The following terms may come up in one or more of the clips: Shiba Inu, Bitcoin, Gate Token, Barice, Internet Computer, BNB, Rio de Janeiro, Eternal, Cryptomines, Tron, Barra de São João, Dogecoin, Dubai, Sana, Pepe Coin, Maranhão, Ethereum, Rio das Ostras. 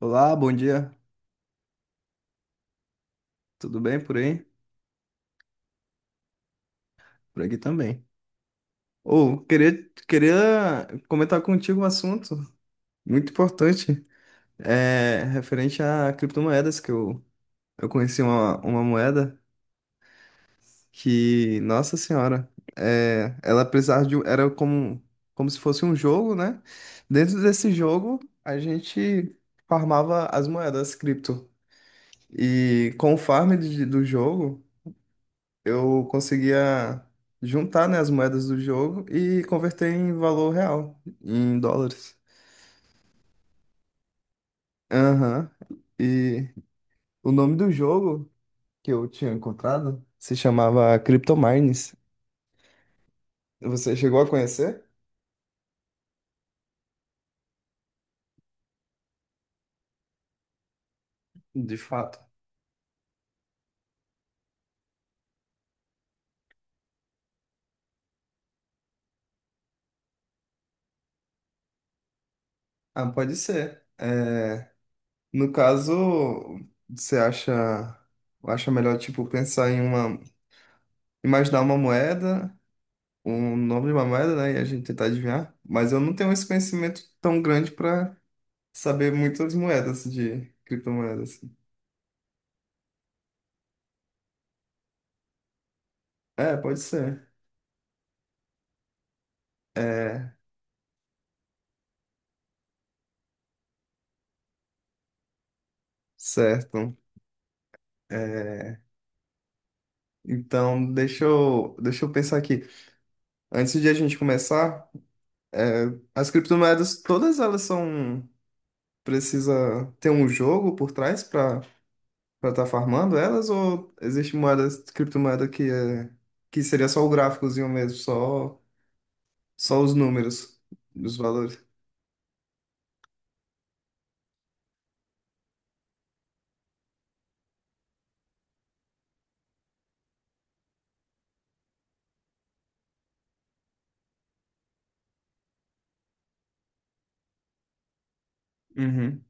Olá, bom dia. Tudo bem por aí? Por aqui também. Ou, queria comentar contigo um assunto muito importante, referente a criptomoedas, que eu conheci uma moeda que, nossa senhora, ela precisava de, era como se fosse um jogo, né? Dentro desse jogo, a gente farmava as moedas cripto. E com o farm do jogo, eu conseguia juntar, né, as moedas do jogo e converter em valor real, em dólares. Aham. E o nome do jogo que eu tinha encontrado se chamava Cryptomines. Você chegou a conhecer? De fato. Ah, pode ser. É, no caso, você acha melhor, tipo, pensar em uma, imaginar uma moeda, um nome de uma moeda, né, e a gente tentar adivinhar? Mas eu não tenho esse conhecimento tão grande para saber muitas moedas de criptomoedas, assim. É, pode ser. É, certo. É, então, deixa eu pensar aqui. Antes de a gente começar, é, as criptomoedas, todas elas são... Precisa ter um jogo por trás para estar farmando elas? Ou existe moedas, criptomoeda que, que seria só o gráficozinho mesmo, só os números dos valores? Uhum,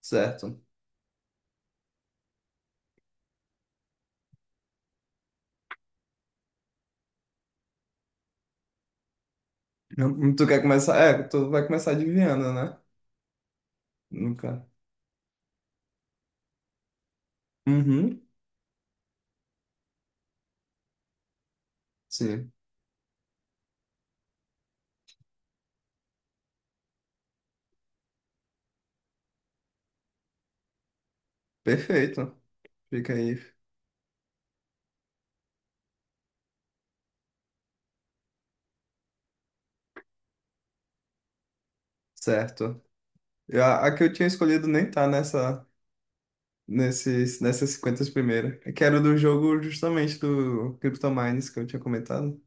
certo. Tu quer começar? É, tu vai começar adivinhando, né? Nunca. Uhum, sim. Perfeito. Fica aí. Certo. A que eu tinha escolhido nem tá nessas 50 primeiras, que era do jogo justamente do CryptoMines que eu tinha comentado.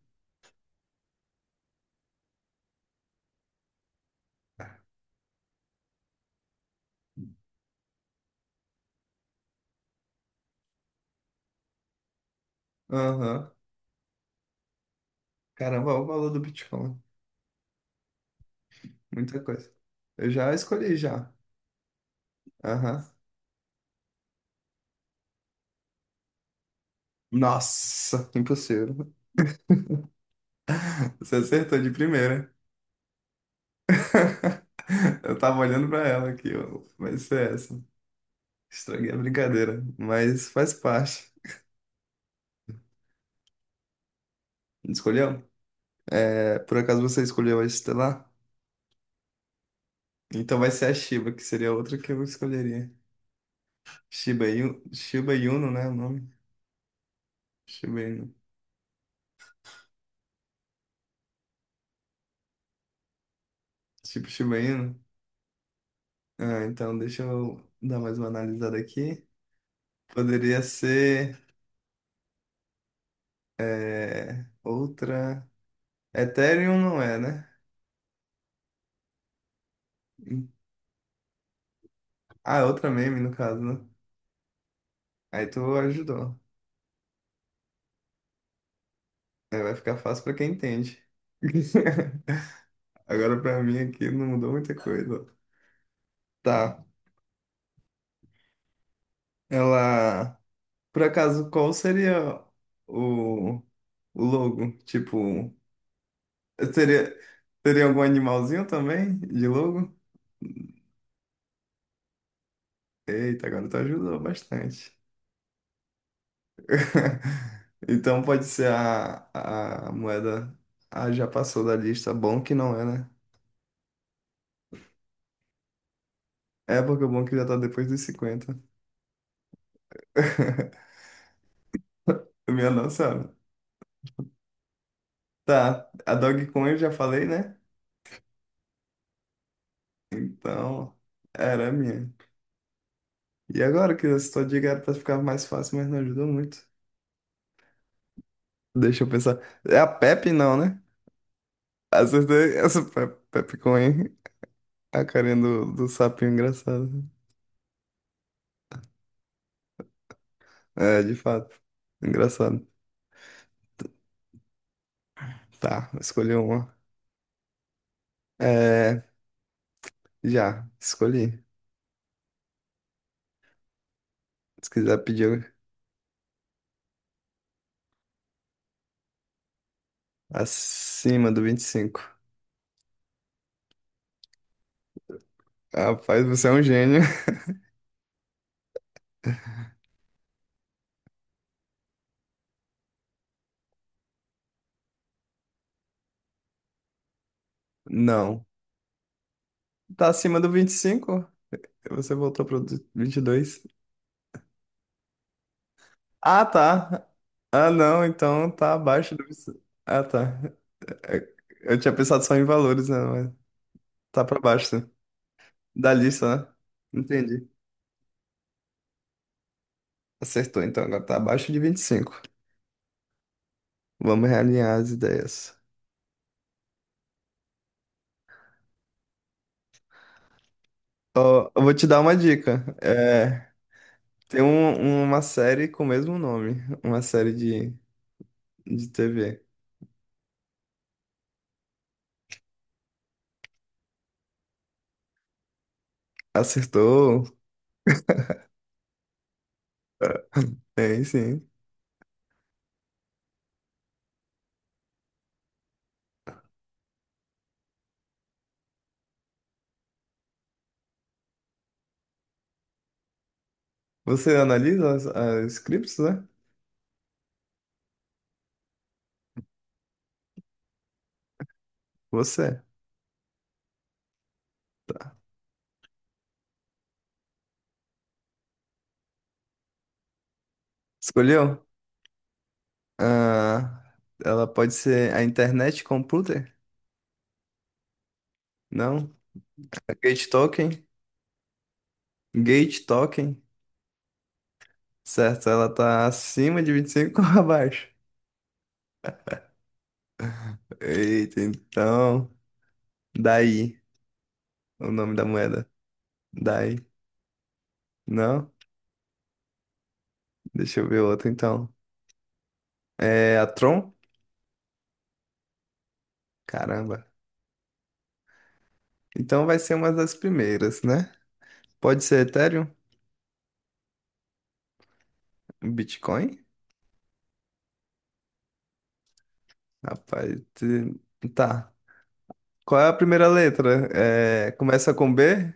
Aham. Caramba, olha o valor do Bitcoin. Muita coisa. Eu já escolhi já. Aham. Nossa, impossível. Você acertou de primeira. Eu tava olhando pra ela aqui, ó. Vai ser essa. Estraguei a brincadeira, mas faz parte. Escolheu? É, por acaso você escolheu a Estelar? Então vai ser a Shiba, que seria a outra que eu escolheria. Shiba Inu, Shiba Inu, né? O nome? Shiba Inu. Tipo Shiba Inu. Ah, então deixa eu dar mais uma analisada aqui. Poderia ser outra. Ethereum não é, né? Ah, é outra meme no caso, né? Aí tu ajudou. Aí vai ficar fácil pra quem entende. Agora pra mim aqui não mudou muita coisa. Tá. Ela. Por acaso, qual seria o, o logo? Tipo, seria, teria algum animalzinho também de logo? Eita, agora tu ajudou bastante. Então pode ser a moeda. Ah, já passou da lista. Bom que não é, né? É porque o bom é que já tá depois dos 50. Minha nossa. Tá, a Dogecoin eu já falei, né? Então, era a minha. E agora que essa tua dica era pra ficar mais fácil, mas não ajudou muito. Deixa eu pensar. É a Pepe, não, né? Acertei essa Pepe Coin. A carinha do sapinho engraçado. É, de fato. Engraçado. Tá, escolhi uma. É, já, escolhi. Se quiser pedir acima do 25. Rapaz, você é um gênio. Não. Tá acima do 25. Você voltou pro 22. Ah, tá. Ah, não, então tá abaixo do 25. Ah, tá. É, eu tinha pensado só em valores, né? Mas tá pra baixo. Da lista, né? Entendi. Acertou, então agora tá abaixo de 25. Vamos realinhar as ideias. Ó, eu vou te dar uma dica. Tem uma série com o mesmo nome. Uma série de TV. Acertou? É, tem, sim. Você analisa as scripts, né? Você. Escolheu? Ah, ela pode ser a internet computer? Não. A gate token? Gate token? Certo, ela tá acima de 25 ou abaixo? Eita, então. Daí, o nome da moeda. Daí. Não? Deixa eu ver outra então. É a Tron? Caramba. Então vai ser uma das primeiras, né? Pode ser Ethereum? Bitcoin? Rapaz. Tá. Qual é a primeira letra? É, começa com B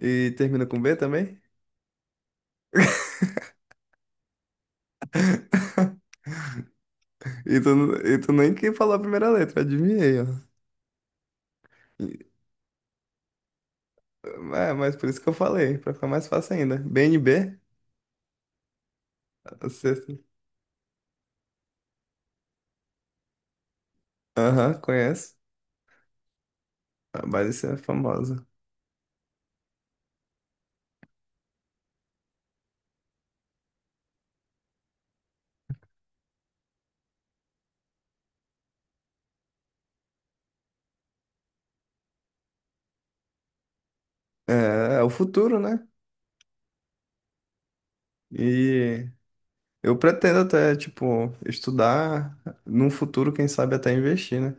e termina com B também? E tu, e tu nem que falou a primeira letra, adivinhei, ó. E- É, mas por isso que eu falei, pra ficar mais fácil ainda. BNB? A sexta. Aham, conheço. A Barice é famosa. É, é o futuro, né? E eu pretendo até, tipo, estudar num futuro, quem sabe até investir, né?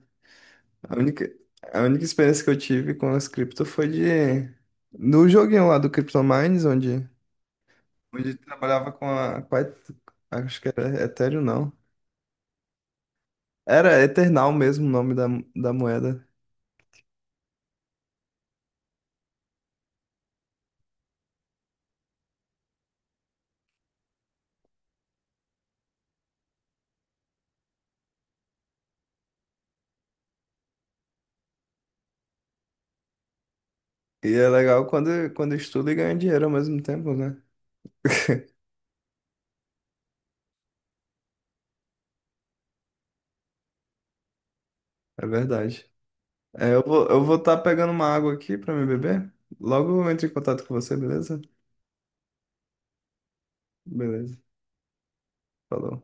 A única, a única experiência que eu tive com as cripto foi de... No joguinho lá do CryptoMines, onde trabalhava com a... Acho que era Ethereum, não. Era Eternal mesmo o nome da moeda. E é legal quando estuda e ganha dinheiro ao mesmo tempo, né? É verdade. É, eu vou estar pegando uma água aqui para me beber. Logo eu entro em contato com você, beleza? Beleza. Falou.